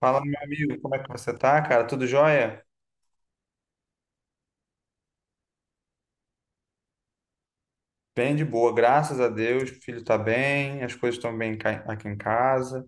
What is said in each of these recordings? Fala, meu amigo, como é que você tá, cara? Tudo jóia? Bem de boa, graças a Deus. O filho tá bem, as coisas estão bem aqui em casa.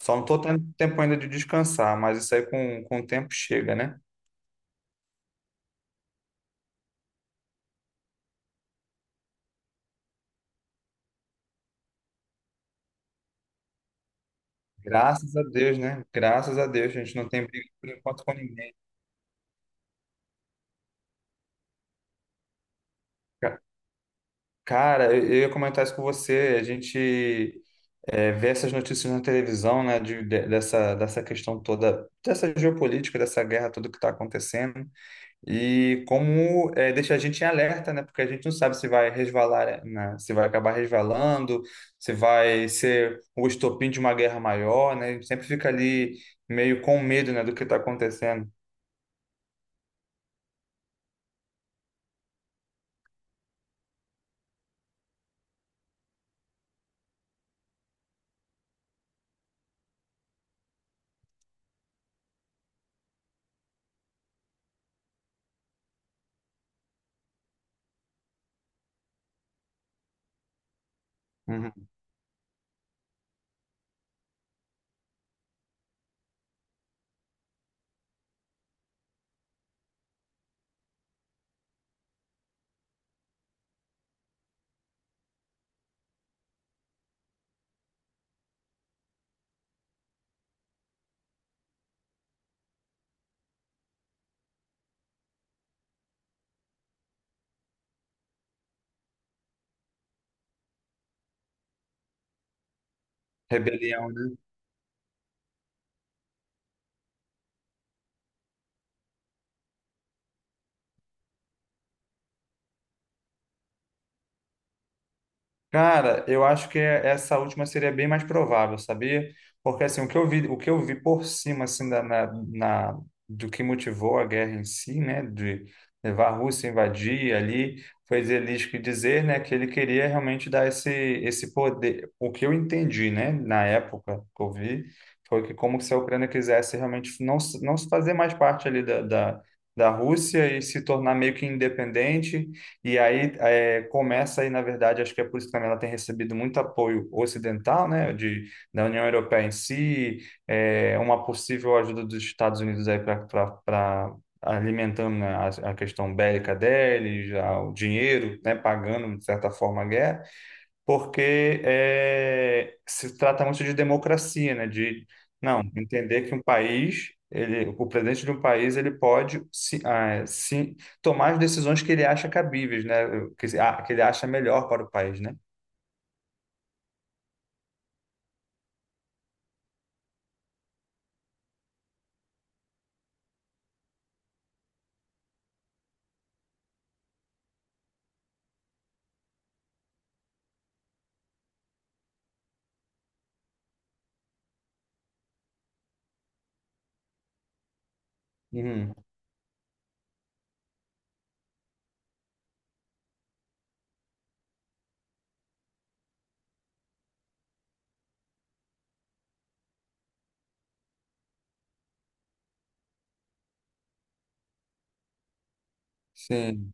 Só não tô tendo tempo ainda de descansar, mas isso aí com o tempo chega, né? Graças a Deus, né? Graças a Deus, a gente não tem briga por enquanto com ninguém. Ca- Cara, eu ia comentar isso com você. A gente vê essas notícias na televisão, né? Dessa questão toda, dessa geopolítica, dessa guerra toda que está acontecendo. E como é, deixa a gente em alerta, né? Porque a gente não sabe se vai resvalar, né? Se vai acabar resvalando, se vai ser o estopim de uma guerra maior, né? A gente sempre fica ali meio com medo, né, do que está acontecendo. Uhum. Rebelião, né? Cara, eu acho que essa última seria bem mais provável, sabia? Porque assim, o que eu vi, o que eu vi por cima na- do que motivou a guerra em si, né, de levar a Rússia a invadir ali, foi Zelensky dizer, né, que ele queria realmente dar esse poder. O que eu entendi, né, na época que eu vi, foi que como se a Ucrânia quisesse realmente não se fazer mais parte ali da, da Rússia e se tornar meio que independente e aí começa aí, na verdade, acho que é por isso que também ela tem recebido muito apoio ocidental, né, da União Europeia em si, é, uma possível ajuda dos Estados Unidos aí para alimentando né, a questão bélica deles, já, o dinheiro, né, pagando, de certa forma, a guerra porque é, se trata muito de democracia, né? De não entender que um país, ele, o presidente de um país, ele pode se, ah, se tomar as decisões que ele acha cabíveis, né? Que, que ele acha melhor para o país, né? Uhum. Sim.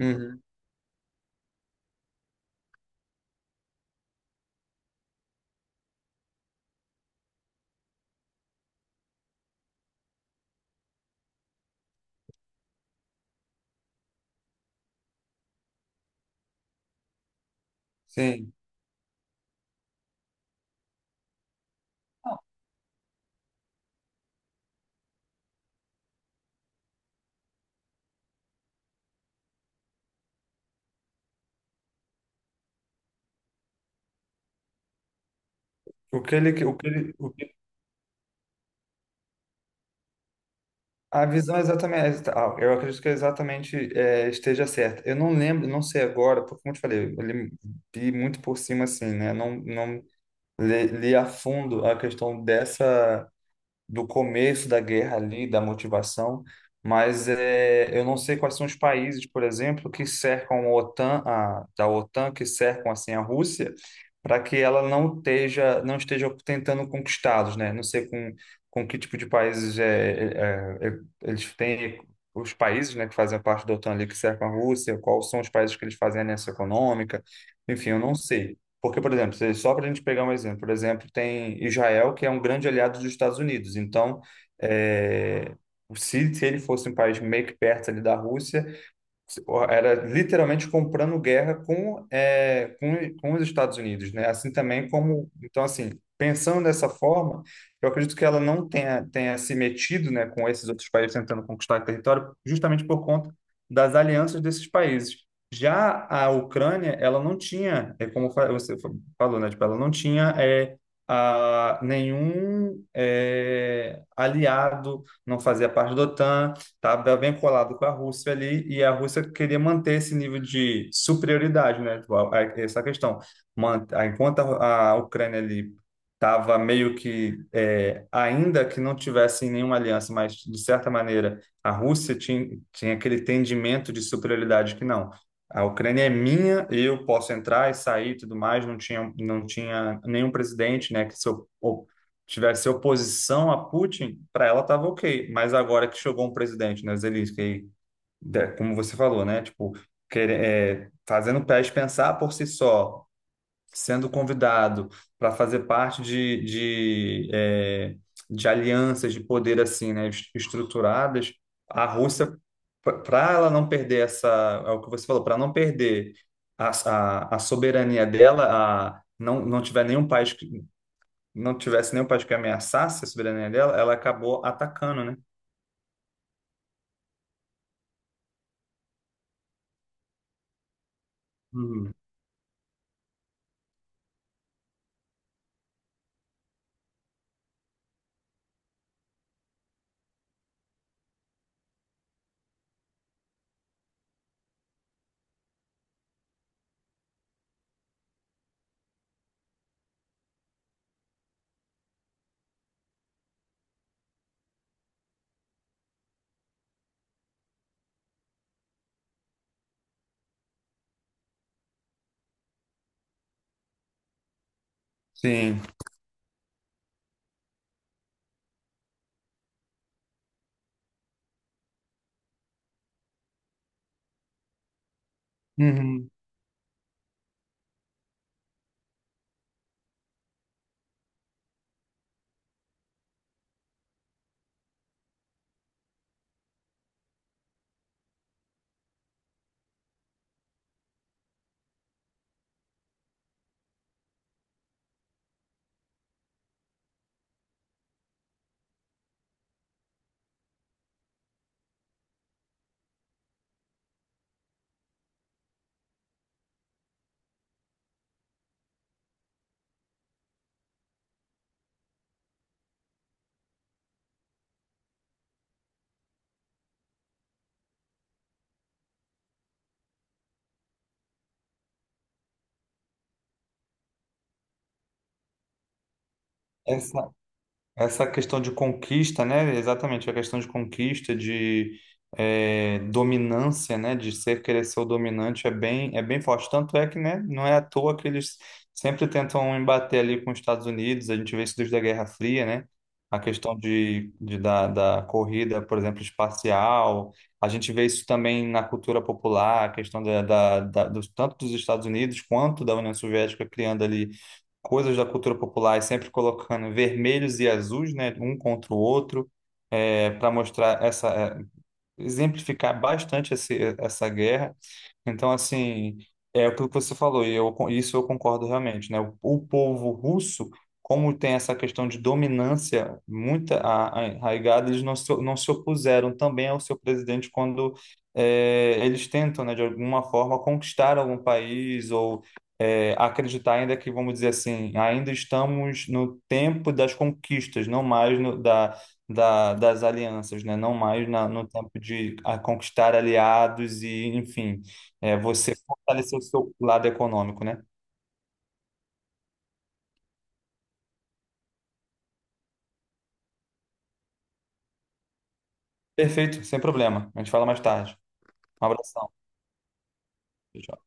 Uhum. Sim. O que ele, o que ele, o que- A visão é exatamente, ah, eu acredito que é exatamente é, esteja certa. Eu não lembro, não sei agora, porque como eu te falei, li muito por cima assim, né? Não, li a fundo a questão dessa do começo da guerra ali, da motivação, mas é, eu não sei quais são os países, por exemplo, que cercam a OTAN, da OTAN, que cercam assim a Rússia, para que ela não esteja tentando conquistá-los, né? Não sei com que tipo de países é, eles têm os países, né, que fazem parte da OTAN ali que cercam a Rússia, quais são os países que eles fazem a aliança econômica, enfim, eu não sei. Porque, por exemplo, só para a gente pegar um exemplo, por exemplo, tem Israel, que é um grande aliado dos Estados Unidos. Então, é, se ele fosse um país meio que perto ali da Rússia, era literalmente comprando guerra com, com os Estados Unidos, né? Assim também como, então assim, pensando dessa forma, eu acredito que ela não tenha, tenha se metido, né, com esses outros países tentando conquistar território, justamente por conta das alianças desses países. Já a Ucrânia, ela não tinha, é como você falou, né, tipo, ela não tinha nenhum aliado, não fazia parte da OTAN, tá bem colado com a Rússia ali, e a Rússia queria manter esse nível de superioridade, né? Tipo, essa questão. Enquanto a Ucrânia ali estava meio que, é, ainda que não tivesse nenhuma aliança, mas de certa maneira a Rússia tinha aquele entendimento de superioridade que não. A Ucrânia é minha, eu posso entrar e sair e tudo mais, não tinha nenhum presidente, né, que se op- tivesse oposição a Putin, para ela estava ok. Mas agora que chegou um presidente, né, Zelensky, como você falou, né, tipo, fazendo o país pensar por si só, sendo convidado para fazer parte de, é, de alianças de poder assim, né, estruturadas, a Rússia, para ela não perder essa, é o que você falou, para não perder a soberania dela, a, não, não tiver nenhum país não tivesse nenhum país que ameaçasse a soberania dela, ela acabou atacando, né? Uhum. Sim. Uhum. Essa, Essa questão de conquista, né? Exatamente, a questão de conquista, de eh, dominância, né? De ser querer ser o dominante é é bem forte. Tanto é que, né? Não é à toa que eles sempre tentam embater ali com os Estados Unidos. A gente vê isso desde a Guerra Fria, né? A questão da corrida, por exemplo, espacial. A gente vê isso também na cultura popular, a questão tanto dos Estados Unidos quanto da União Soviética criando ali coisas da cultura popular, e sempre colocando vermelhos e azuis, né, um contra o outro, é, para mostrar exemplificar bastante essa guerra. Então, assim, é aquilo que você falou, e eu, isso eu concordo realmente, né? O povo russo, como tem essa questão de dominância muito arraigada, eles não se opuseram também ao seu presidente quando eh, eles tentam, né, de alguma forma, conquistar algum país ou eh, acreditar ainda que, vamos dizer assim, ainda estamos no tempo das conquistas, não mais no, da, das alianças, né? Não mais no tempo de a conquistar aliados e, enfim, é, você fortalecer o seu lado econômico, né? Perfeito, sem problema. A gente fala mais tarde. Um abração. Tchau, tchau.